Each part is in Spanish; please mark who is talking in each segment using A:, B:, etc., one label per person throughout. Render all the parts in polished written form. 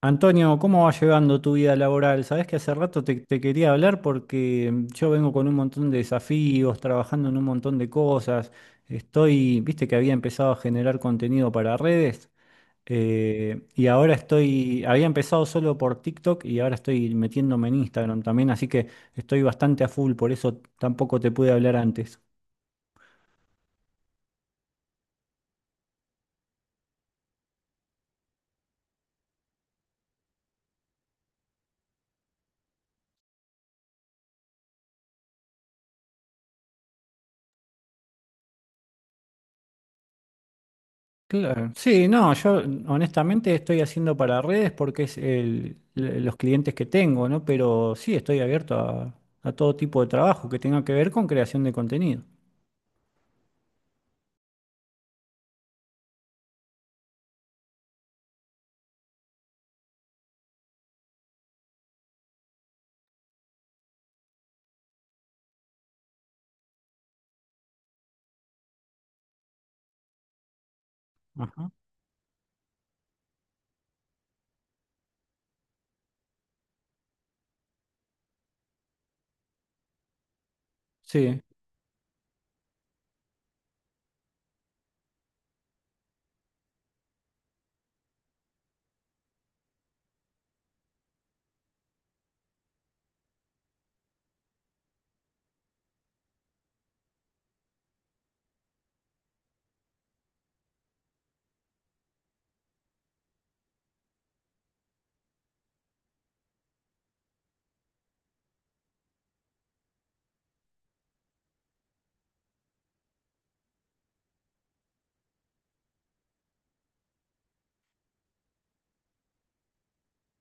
A: Antonio, ¿cómo va llevando tu vida laboral? Sabés que hace rato te quería hablar porque yo vengo con un montón de desafíos, trabajando en un montón de cosas. Estoy, viste que había empezado a generar contenido para redes y ahora estoy, había empezado solo por TikTok y ahora estoy metiéndome en Instagram también, así que estoy bastante a full, por eso tampoco te pude hablar antes. Claro. Sí, no, yo honestamente estoy haciendo para redes porque es los clientes que tengo, ¿no? Pero sí, estoy abierto a todo tipo de trabajo que tenga que ver con creación de contenido. Ajá. Sí.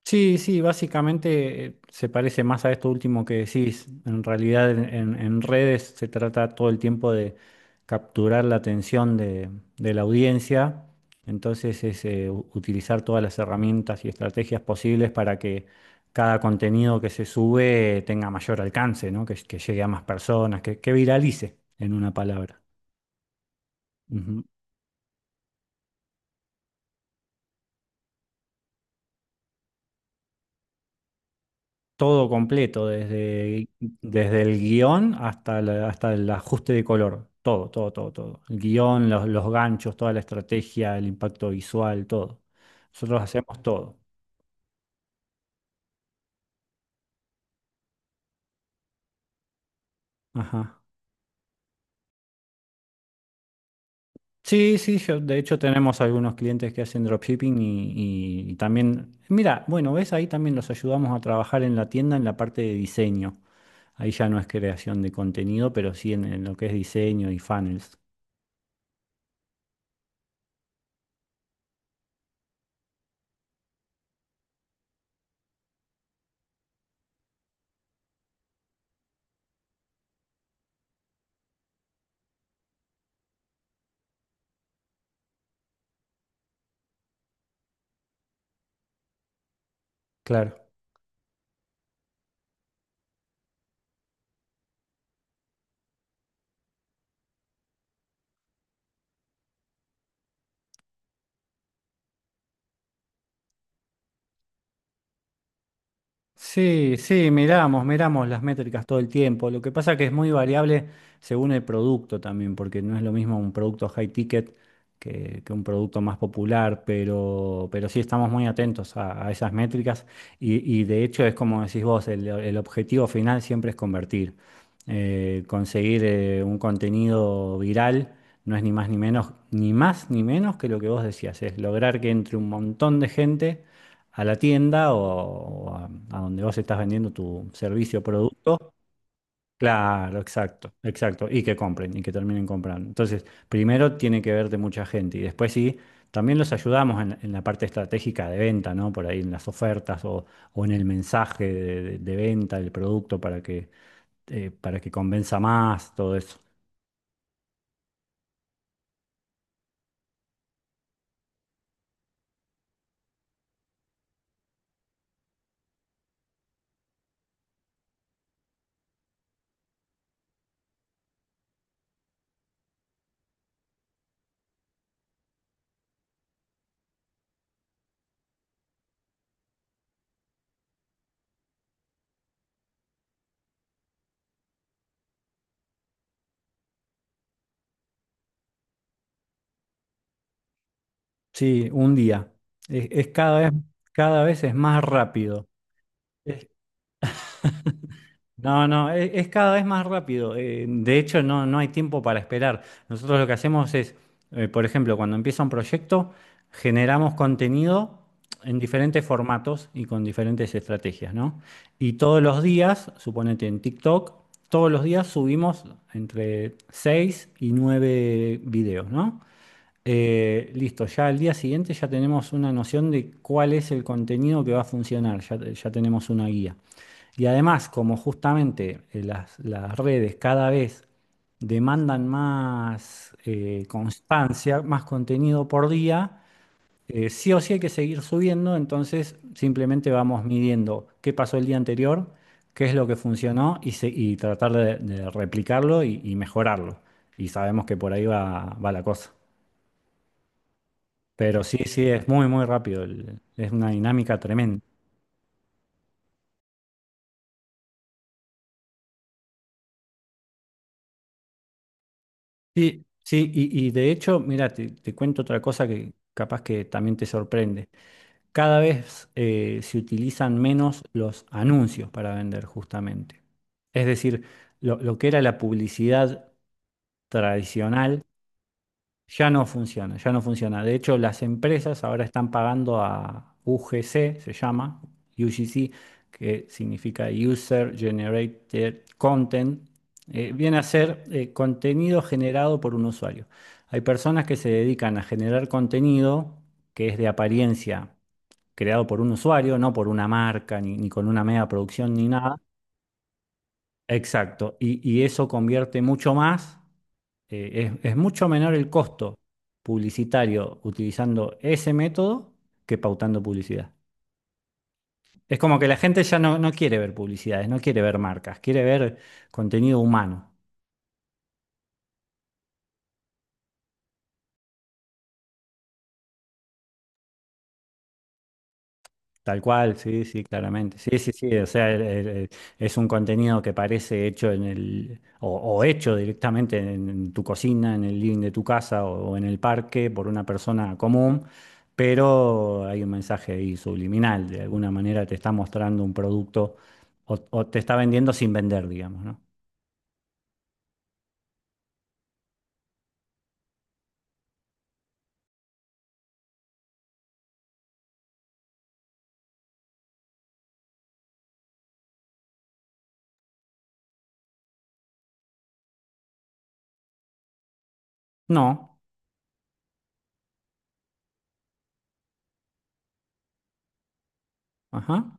A: Sí, sí, básicamente se parece más a esto último que decís. En realidad en redes se trata todo el tiempo de capturar la atención de la audiencia. Entonces es utilizar todas las herramientas y estrategias posibles para que cada contenido que se sube tenga mayor alcance, ¿no? Que llegue a más personas, que viralice, en una palabra. Todo completo, desde, desde el guión hasta, hasta el ajuste de color. Todo, todo, todo, todo. El guión, los ganchos, toda la estrategia, el impacto visual, todo. Nosotros hacemos todo. Ajá. Sí, sí, de hecho tenemos algunos clientes que hacen dropshipping y, y también, mira, bueno, ves, ahí también los ayudamos a trabajar en la tienda en la parte de diseño. Ahí ya no es creación de contenido, pero sí en lo que es diseño y funnels. Claro. Sí, sí, miramos, miramos las métricas todo el tiempo. Lo que pasa que es muy variable según el producto también, porque no es lo mismo un producto high ticket que un producto más popular, pero sí estamos muy atentos a esas métricas y de hecho es como decís vos, el objetivo final siempre es convertir. Conseguir un contenido viral no es ni más ni menos, ni más ni menos que lo que vos decías, es lograr que entre un montón de gente a la tienda o a donde vos estás vendiendo tu servicio o producto. Claro, exacto, exacto. Y que compren y que terminen comprando. Entonces, primero tiene que verte mucha gente y después sí, también los ayudamos en la parte estratégica de venta, ¿no? Por ahí en las ofertas o en el mensaje de, de venta del producto para que convenza más, todo eso. Sí, un día. Es cada vez es más rápido. Es- No, no, es, cada vez más rápido. Eh, de hecho, no, no hay tiempo para esperar. Nosotros lo que hacemos es, por ejemplo, cuando empieza un proyecto, generamos contenido en diferentes formatos y con diferentes estrategias, ¿no? Y todos los días, suponete en TikTok, todos los días subimos entre 6 y 9 videos, ¿no? Listo, ya al día siguiente ya tenemos una noción de cuál es el contenido que va a funcionar, ya ya tenemos una guía. Y además, como justamente las redes cada vez demandan más constancia, más contenido por día, sí o sí hay que seguir subiendo, entonces simplemente vamos midiendo qué pasó el día anterior, qué es lo que funcionó y, y tratar de replicarlo y mejorarlo. Y sabemos que por ahí va, va la cosa. Pero sí, sí, es muy, muy rápido, es una dinámica tremenda. Sí, sí, y de hecho, mira, te cuento otra cosa que capaz que también te sorprende. Cada vez se utilizan menos los anuncios para vender, justamente. Es decir, lo que era la publicidad tradicional. Ya no funciona, ya no funciona. De hecho, las empresas ahora están pagando a UGC, se llama, UGC, que significa User Generated Content. Viene a ser contenido generado por un usuario. Hay personas que se dedican a generar contenido que es de apariencia creado por un usuario, no por una marca, ni, ni con una mega producción, ni nada. Exacto. Y eso convierte mucho más es mucho menor el costo publicitario utilizando ese método que pautando publicidad. Es como que la gente ya no, no quiere ver publicidades, no quiere ver marcas, quiere ver contenido humano. Tal cual, sí, sí, claramente. Sí, sí, sí, o sea, es un contenido que parece hecho en el, o hecho directamente en tu cocina, en el living de tu casa o en el parque por una persona común, pero hay un mensaje ahí subliminal, de alguna manera te está mostrando un producto o te está vendiendo sin vender, digamos, ¿no? No, ajá,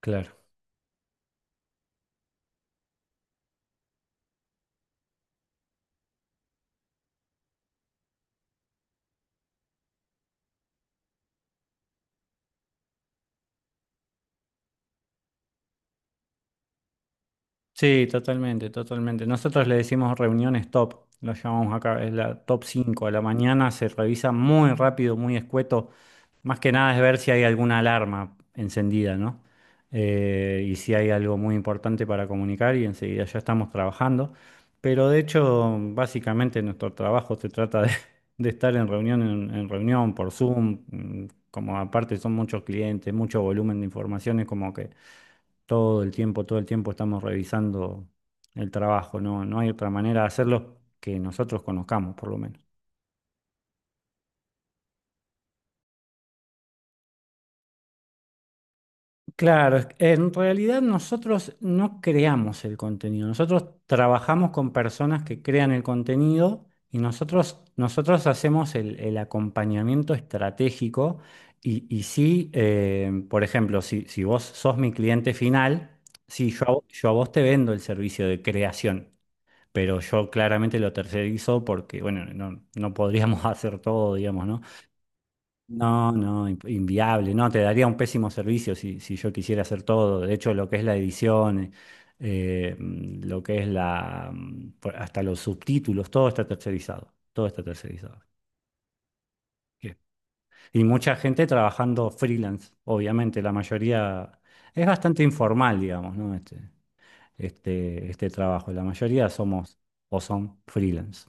A: claro. Sí, totalmente, totalmente. Nosotros le decimos reuniones top, lo llamamos acá, es la top 5. A la mañana se revisa muy rápido, muy escueto. Más que nada es ver si hay alguna alarma encendida, ¿no? Y si hay algo muy importante para comunicar y enseguida ya estamos trabajando. Pero de hecho, básicamente nuestro trabajo se trata de, de estar en reunión por Zoom, como aparte son muchos clientes, mucho volumen de informaciones, como que todo el tiempo estamos revisando el trabajo, no, no hay otra manera de hacerlo que nosotros conozcamos, por lo menos. Claro, en realidad nosotros no creamos el contenido, nosotros trabajamos con personas que crean el contenido y nosotros hacemos el acompañamiento estratégico y sí, por ejemplo, si, si vos sos mi cliente final, sí, yo a vos te vendo el servicio de creación. Pero yo claramente lo tercerizo porque, bueno, no, no podríamos hacer todo, digamos, ¿no? No, no, inviable, no, te daría un pésimo servicio si, si yo quisiera hacer todo. De hecho, lo que es la edición, lo que es la, hasta los subtítulos, todo está tercerizado, todo está tercerizado. Bien. Y mucha gente trabajando freelance, obviamente, la mayoría es bastante informal, digamos, ¿no? Este, este trabajo, la mayoría somos o son freelance.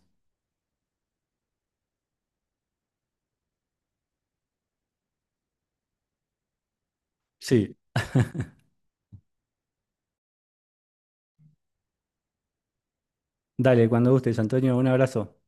A: Sí. Dale, cuando gustes, Antonio, un abrazo.